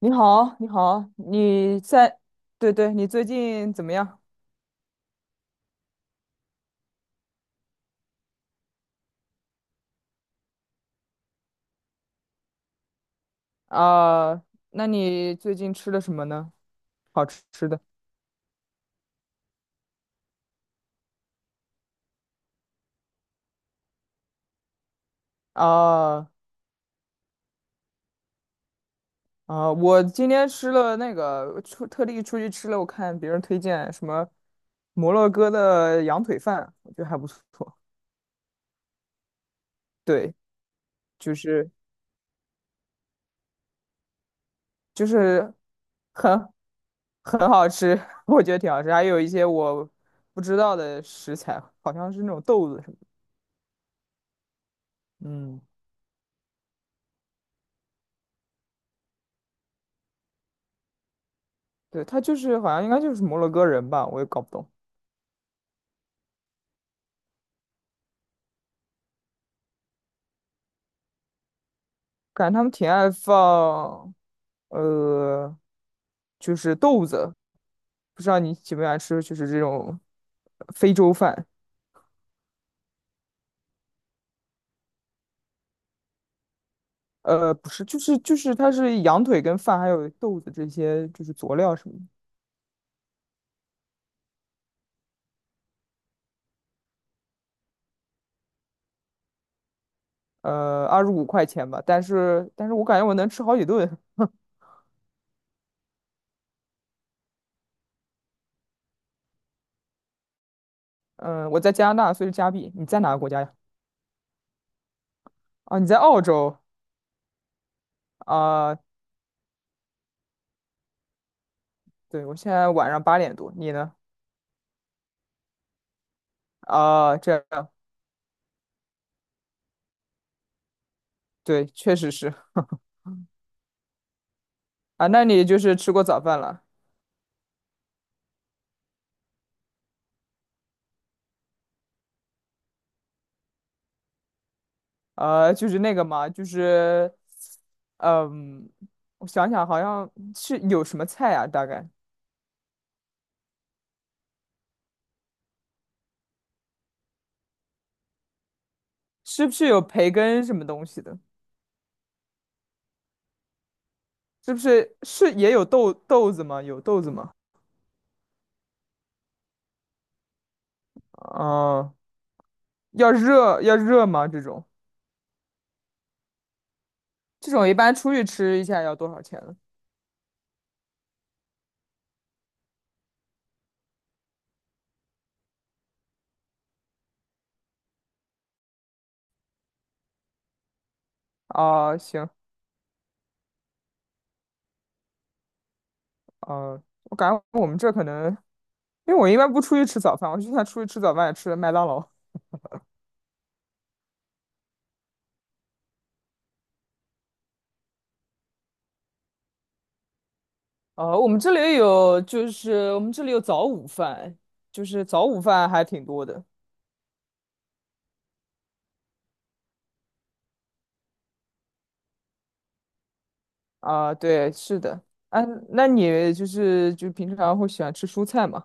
你好，你好，对对，你最近怎么样？啊、那你最近吃了什么呢？好吃吃的啊啊、我今天吃了那个出特地出去吃了，我看别人推荐什么摩洛哥的羊腿饭，我觉得还不错。对，就是就是很很好吃，我觉得挺好吃，还有一些我不知道的食材，好像是那种豆子什么的。嗯。对，他就是好像应该就是摩洛哥人吧，我也搞不懂，感觉他们挺爱放，呃，就是豆子，不知道你喜不喜欢吃，就是这种非洲饭，不是，就是它是羊腿跟饭还有豆子这些就是佐料什么的，25块钱吧，但是我感觉我能吃好几顿，嗯、我在加拿大，所以是加币，你在哪个国家呀？啊，你在澳洲啊、对，我现在晚上8点多，你呢？啊、这样。对，确实是。啊，那你就是吃过早饭了？就是那个嘛，就是，嗯，我想想，好像是有什么菜啊？大概是不是有培根什么东西的？是不是也有豆子吗？有豆子吗？嗯、要热吗？这种一般出去吃一下要多少钱呢？啊、行，嗯，我感觉我们这可能，因为我一般不出去吃早饭，我就算出去吃早饭也吃麦当劳。我们这里有，就是我们这里有早午饭，就是早午饭还挺多的啊。对，是的。啊，那你就是就平常会喜欢吃蔬菜吗？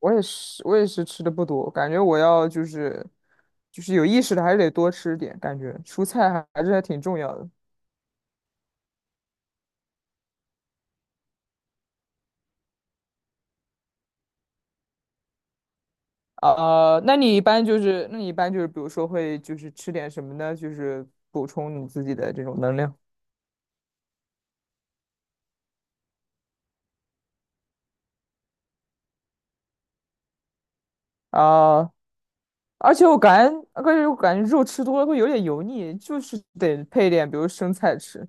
我也是，吃的不多，感觉我要就是有意识的还是得多吃点，感觉蔬菜还是还挺重要的。啊，那你一般比如说会就是吃点什么呢？就是补充你自己的这种能量啊。而且我感觉，肉吃多了会有点油腻，就是得配点，比如生菜吃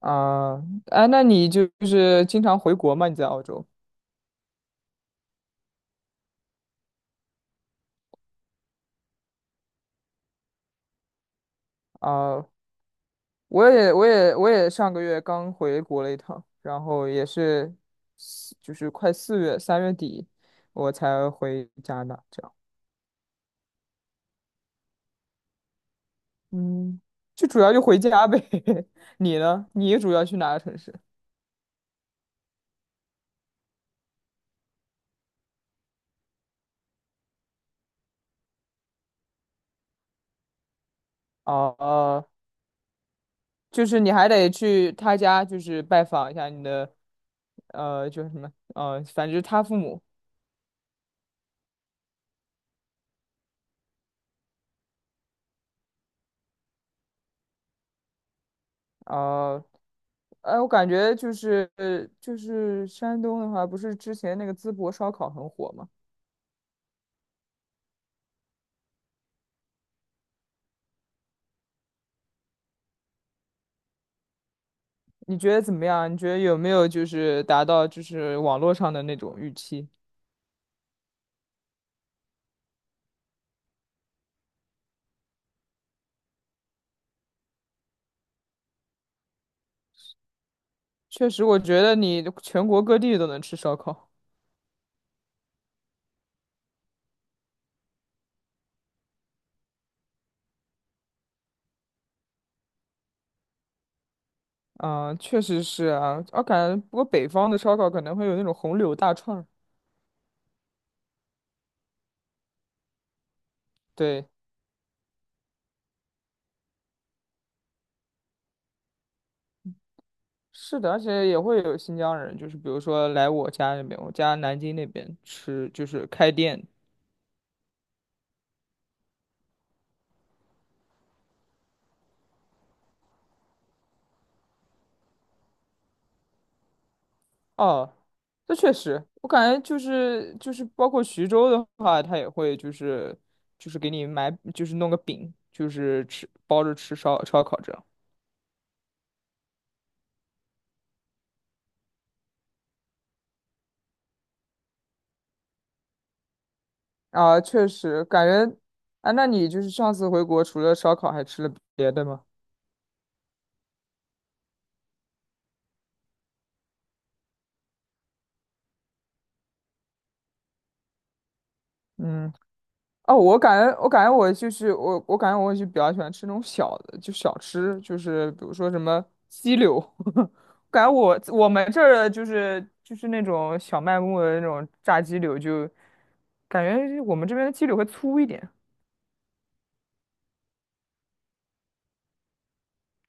啊。哎，那你就是经常回国吗？你在澳洲啊？我也上个月刚回国了一趟，然后也是就是快4月，3月底我才回加拿大，这样。嗯，就主要就回家呗。你呢？你主要去哪个城市？哦、就是你还得去他家，就是拜访一下你的，就是什么，反正就是他父母，呃，哎，我感觉就是山东的话，不是之前那个淄博烧烤很火吗？你觉得怎么样？你觉得有没有就是达到就是网络上的那种预期？确实，我觉得你全国各地都能吃烧烤，嗯、确实是啊，我感觉不过北方的烧烤可能会有那种红柳大串儿对。是的，而且也会有新疆人，就是比如说来我家那边，我家南京那边吃，就是开店。哦，这确实，我感觉就是包括徐州的话，他也会就是给你买，就是弄个饼，就是吃包着吃烧烤这样。啊，确实感觉啊，那你就是上次回国除了烧烤还吃了别的吗？嗯。哦，我感觉，我感觉我就是我，我感觉我就比较喜欢吃那种小的，就小吃，就是比如说什么鸡柳，感觉我们这儿的就是那种小卖部的那种炸鸡柳就，感觉我们这边的鸡柳会粗一点。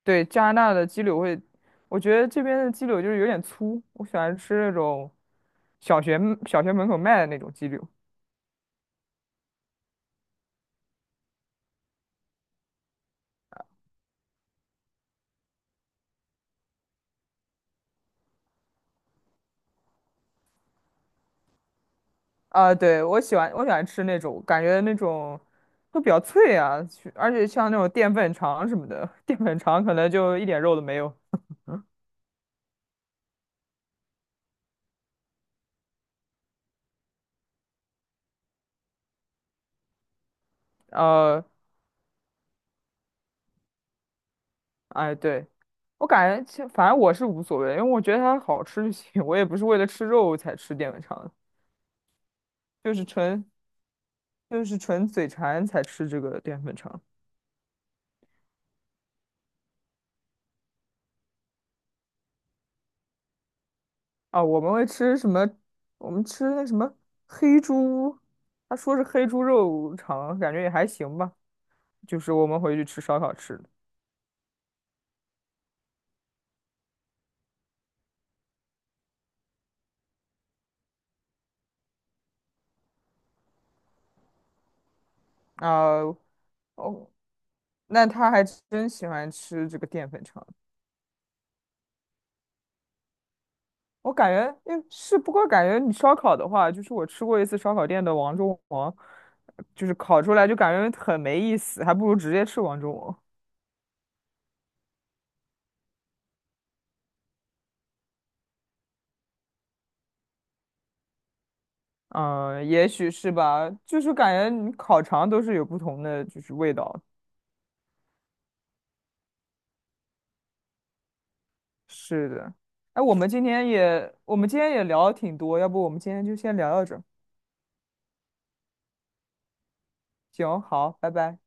对，加拿大的鸡柳会，我觉得这边的鸡柳就是有点粗，我喜欢吃那种小学小学门口卖的那种鸡柳。啊，对，我喜欢吃那种，感觉那种都比较脆啊，而且像那种淀粉肠什么的，淀粉肠可能就一点肉都没有。呃，哎，对，我感觉其实反正我是无所谓，因为我觉得它好吃就行，我也不是为了吃肉才吃淀粉肠的，就是纯嘴馋才吃这个淀粉肠。啊，我们会吃什么？我们吃那什么黑猪，他说是黑猪肉肠，感觉也还行吧，就是我们回去吃烧烤吃的。啊、哦，那他还真喜欢吃这个淀粉肠。我感觉，诶，是，不过感觉你烧烤的话，就是我吃过一次烧烤店的王中王，就是烤出来就感觉很没意思，还不如直接吃王中王。嗯，也许是吧，就是感觉你烤肠都是有不同的就是味道。是的，哎，我们今天也聊了挺多，要不我们今天就先聊到这儿。行，好，拜拜。